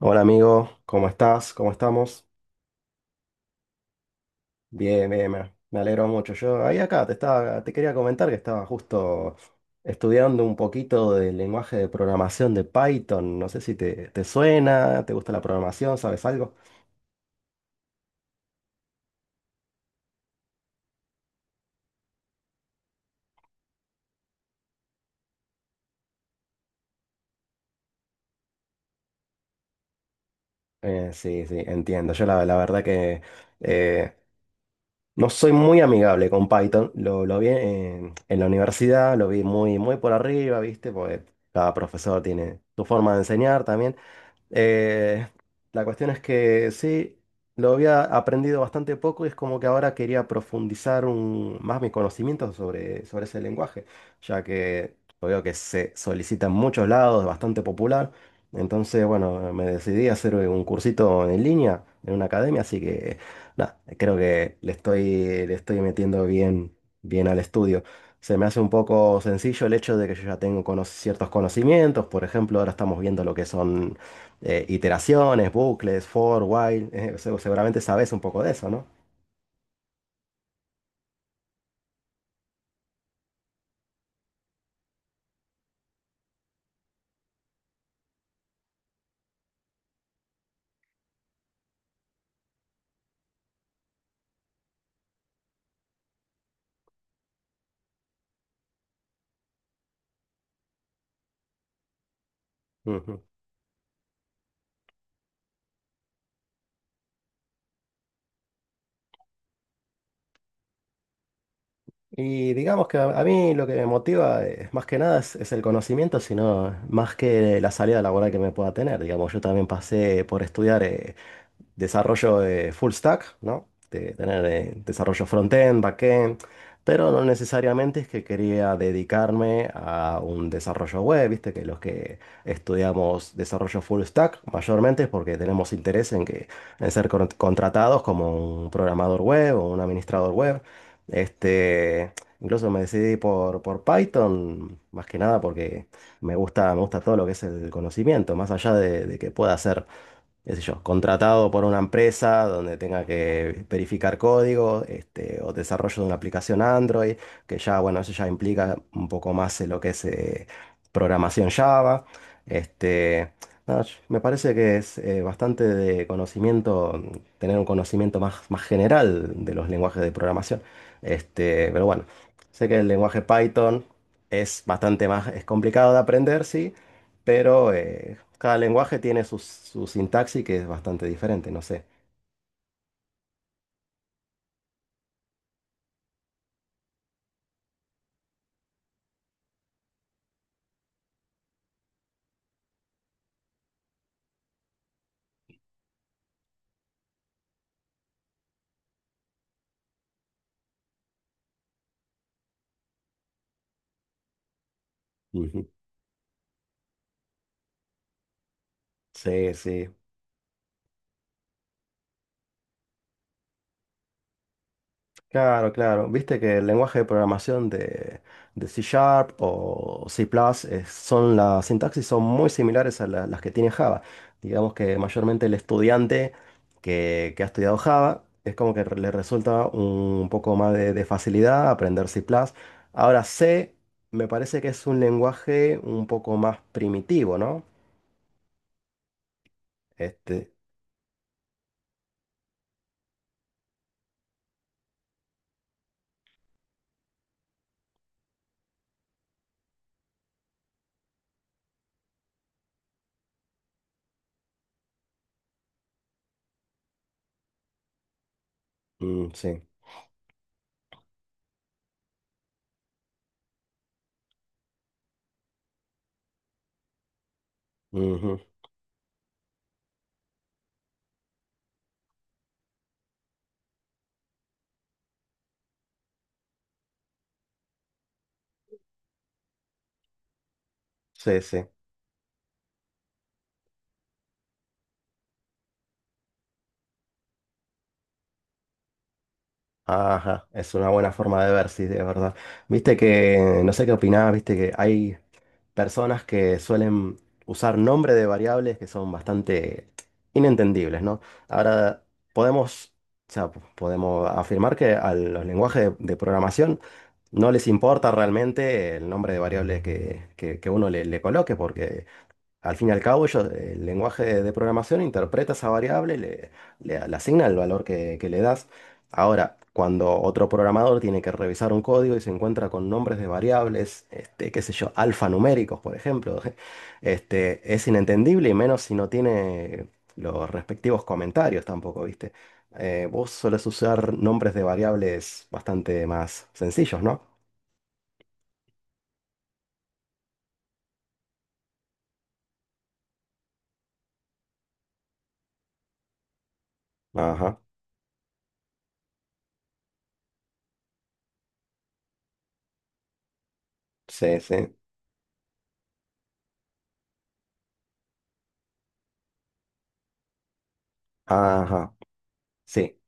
Hola amigo, ¿cómo estás? ¿Cómo estamos? Bien, bien, me alegro mucho. Yo ahí acá te quería comentar que estaba justo estudiando un poquito del lenguaje de programación de Python. No sé si te suena, te gusta la programación, ¿sabes algo? Sí, sí, entiendo. Yo la verdad que eh, no soy muy amigable con Python. Lo vi en la universidad, lo vi muy, muy por arriba, ¿viste? Porque cada profesor tiene su forma de enseñar también. Eh, la cuestión es que sí, lo había aprendido bastante poco y es como que ahora quería profundizar más mi conocimiento sobre ese lenguaje, ya que yo veo que se solicita en muchos lados, es bastante popular. Entonces, bueno, me decidí a hacer un cursito en línea en una academia, así que nada, creo que le le estoy metiendo bien, bien al estudio. Se me hace un poco sencillo el hecho de que yo ya tengo ciertos conocimientos, por ejemplo, ahora estamos viendo lo que son iteraciones, bucles, for, while, seguramente sabes un poco de eso, ¿no? Ujú. Y digamos que a mí lo que me motiva más que nada es el conocimiento, sino más que la salida laboral que me pueda tener. Digamos, yo también pasé por estudiar desarrollo de full stack, ¿no? De tener desarrollo front-end, back-end, pero no necesariamente es que quería dedicarme a un desarrollo web, viste que los que estudiamos desarrollo full stack mayormente es porque tenemos interés en que en ser contratados como un programador web o un administrador web. Este, incluso me decidí por Python, más que nada porque me gusta todo lo que es el conocimiento, más allá de que pueda hacer qué sé yo, contratado por una empresa donde tenga que verificar código, este, o desarrollo de una aplicación Android, que ya, bueno, eso ya implica un poco más lo que es programación Java. Este, nada, yo- me parece que es bastante de conocimiento, tener un conocimiento más, más general de los lenguajes de programación. Este, pero bueno, sé que el lenguaje Python es complicado de aprender, sí, pero cada lenguaje tiene su, su sintaxis que es bastante diferente, no sé. Ujú. Sí, sí. Claro, claro. Viste que el lenguaje de programación de C Sharp o C++ Plus son las sintaxis son muy similares a las que tiene Java. Digamos que mayormente el estudiante que ha estudiado Java es como que le resulta un poco más de facilidad aprender C++ plus. Ahora C me parece que es un lenguaje un poco más primitivo, ¿no? Este, mm, sí. Ujú. Sí, sí. Ajá. Es una buena forma de ver, sí, de verdad. Viste que, no sé qué opinás, viste que hay personas que suelen usar nombres de variables que son bastante inentendibles, ¿no? Ahora, podemos, o sea, podemos afirmar que a los lenguajes de programación no les importa realmente el nombre de variables que uno le coloque, porque al fin y al cabo, ellos, el lenguaje de programación interpreta esa variable, le asigna el valor que le das. Ahora, cuando otro programador tiene que revisar un código y se encuentra con nombres de variables, este, qué sé yo, alfanuméricos, por ejemplo, este, es inentendible y menos si no tiene los respectivos comentarios tampoco, ¿viste? Vos solés usar nombres de variables bastante más sencillos, ¿no? Ajá, sí, sí. Ajá, sí,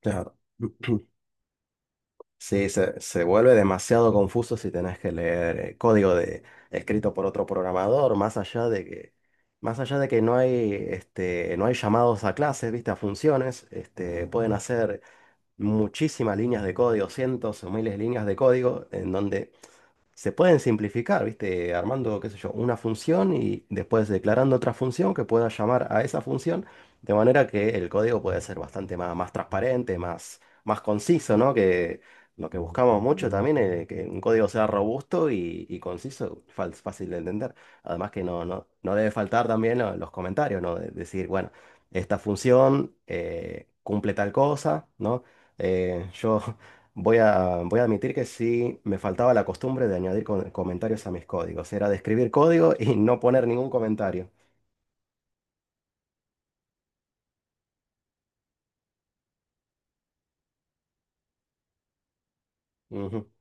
claro. Sí, se vuelve demasiado confuso si tenés que leer código escrito por otro programador, más allá de que, más allá de que no hay, este, no hay llamados a clases, ¿viste? A funciones, este, pueden hacer muchísimas líneas de código, cientos o miles de líneas de código, en donde se pueden simplificar, ¿viste? Armando, qué sé yo, una función y después declarando otra función que pueda llamar a esa función, de manera que el código puede ser bastante más, más transparente, más, más conciso, ¿no? Que lo que buscamos mucho también es que un código sea robusto y conciso, fácil de entender. Además que no, no, no debe faltar también los comentarios, ¿no? Decir, bueno, esta función cumple tal cosa, ¿no? Yo voy a admitir que sí me faltaba la costumbre de añadir comentarios a mis códigos. Era de escribir código y no poner ningún comentario. Ujú,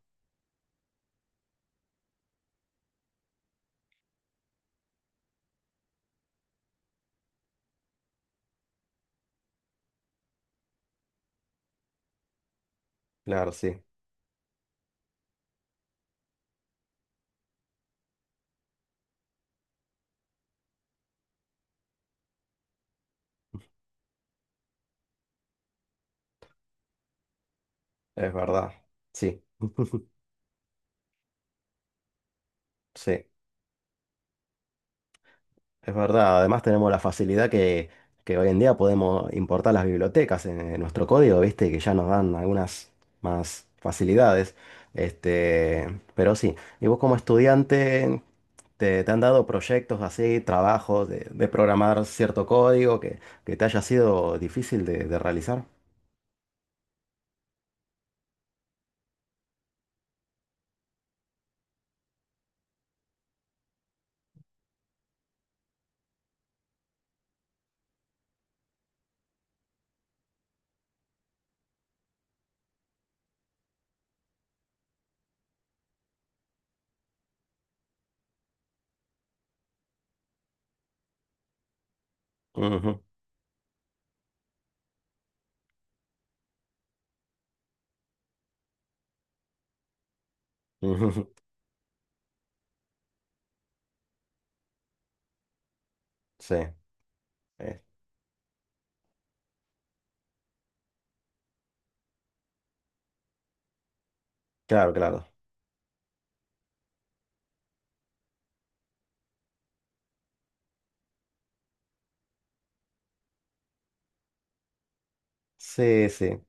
claro, sí, es verdad. Sí, sí. Es verdad, además tenemos la facilidad que hoy en día podemos importar las bibliotecas en nuestro código, ¿viste? Que ya nos dan algunas más facilidades. Este, pero sí, ¿y vos como estudiante te han dado proyectos así, trabajos de programar cierto código que te haya sido difícil de realizar? Ujú, ujú, sí, eh, claro, claro. Sí, sí.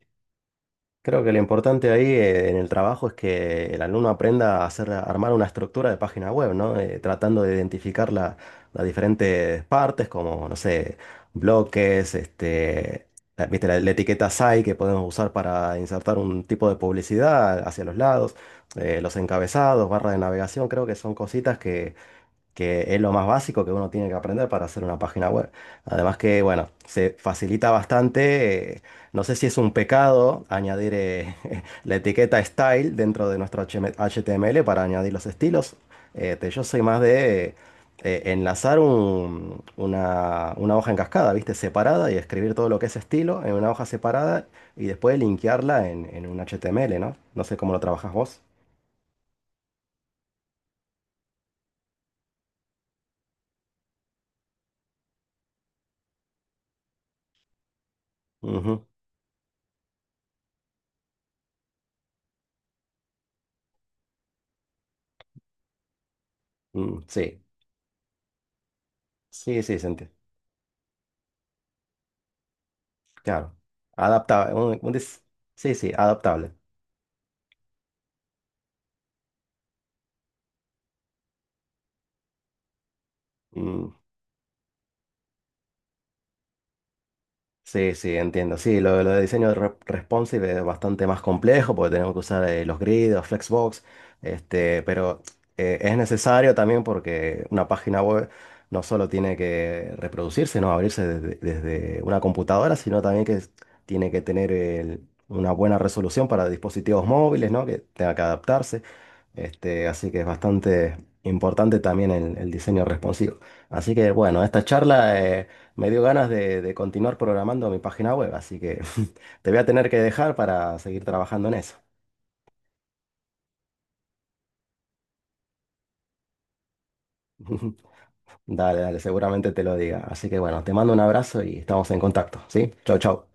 Creo que lo importante ahí en el trabajo es que el alumno aprenda a hacer, a armar una estructura de página web, ¿no? Tratando de identificar las diferentes partes, como, no sé, bloques, este, la, viste, la etiqueta SAI que podemos usar para insertar un tipo de publicidad hacia los lados, los encabezados, barra de navegación, creo que son cositas que es lo más básico que uno tiene que aprender para hacer una página web. Además que, bueno, se facilita bastante. Eh, no sé si es un pecado añadir la etiqueta style dentro de nuestro HTML para añadir los estilos. Yo soy más de enlazar una hoja en cascada, ¿viste? Separada y escribir todo lo que es estilo en una hoja separada y después linkearla en un HTML, ¿no? No sé cómo lo trabajas vos. Ujú, mm, sí, sí, sí, sentí. Claro. Adaptable. Sí, sí, adaptable. Mm, sí, sí, entiendo. Sí, lo de diseño responsive es bastante más complejo porque tenemos que usar los grids, los flexbox, este, pero es necesario también porque una página web no solo tiene que reproducirse, no abrirse desde una computadora, sino también que tiene que tener una buena resolución para dispositivos móviles, ¿no? Que tenga que adaptarse. Este, así que es bastante importante también el diseño responsivo. Así que bueno, esta charla me dio ganas de continuar programando mi página web, así que te voy a tener que dejar para seguir trabajando en eso. Dale, dale, seguramente te lo diga. Así que bueno, te mando un abrazo y estamos en contacto, ¿sí? Chau, chau.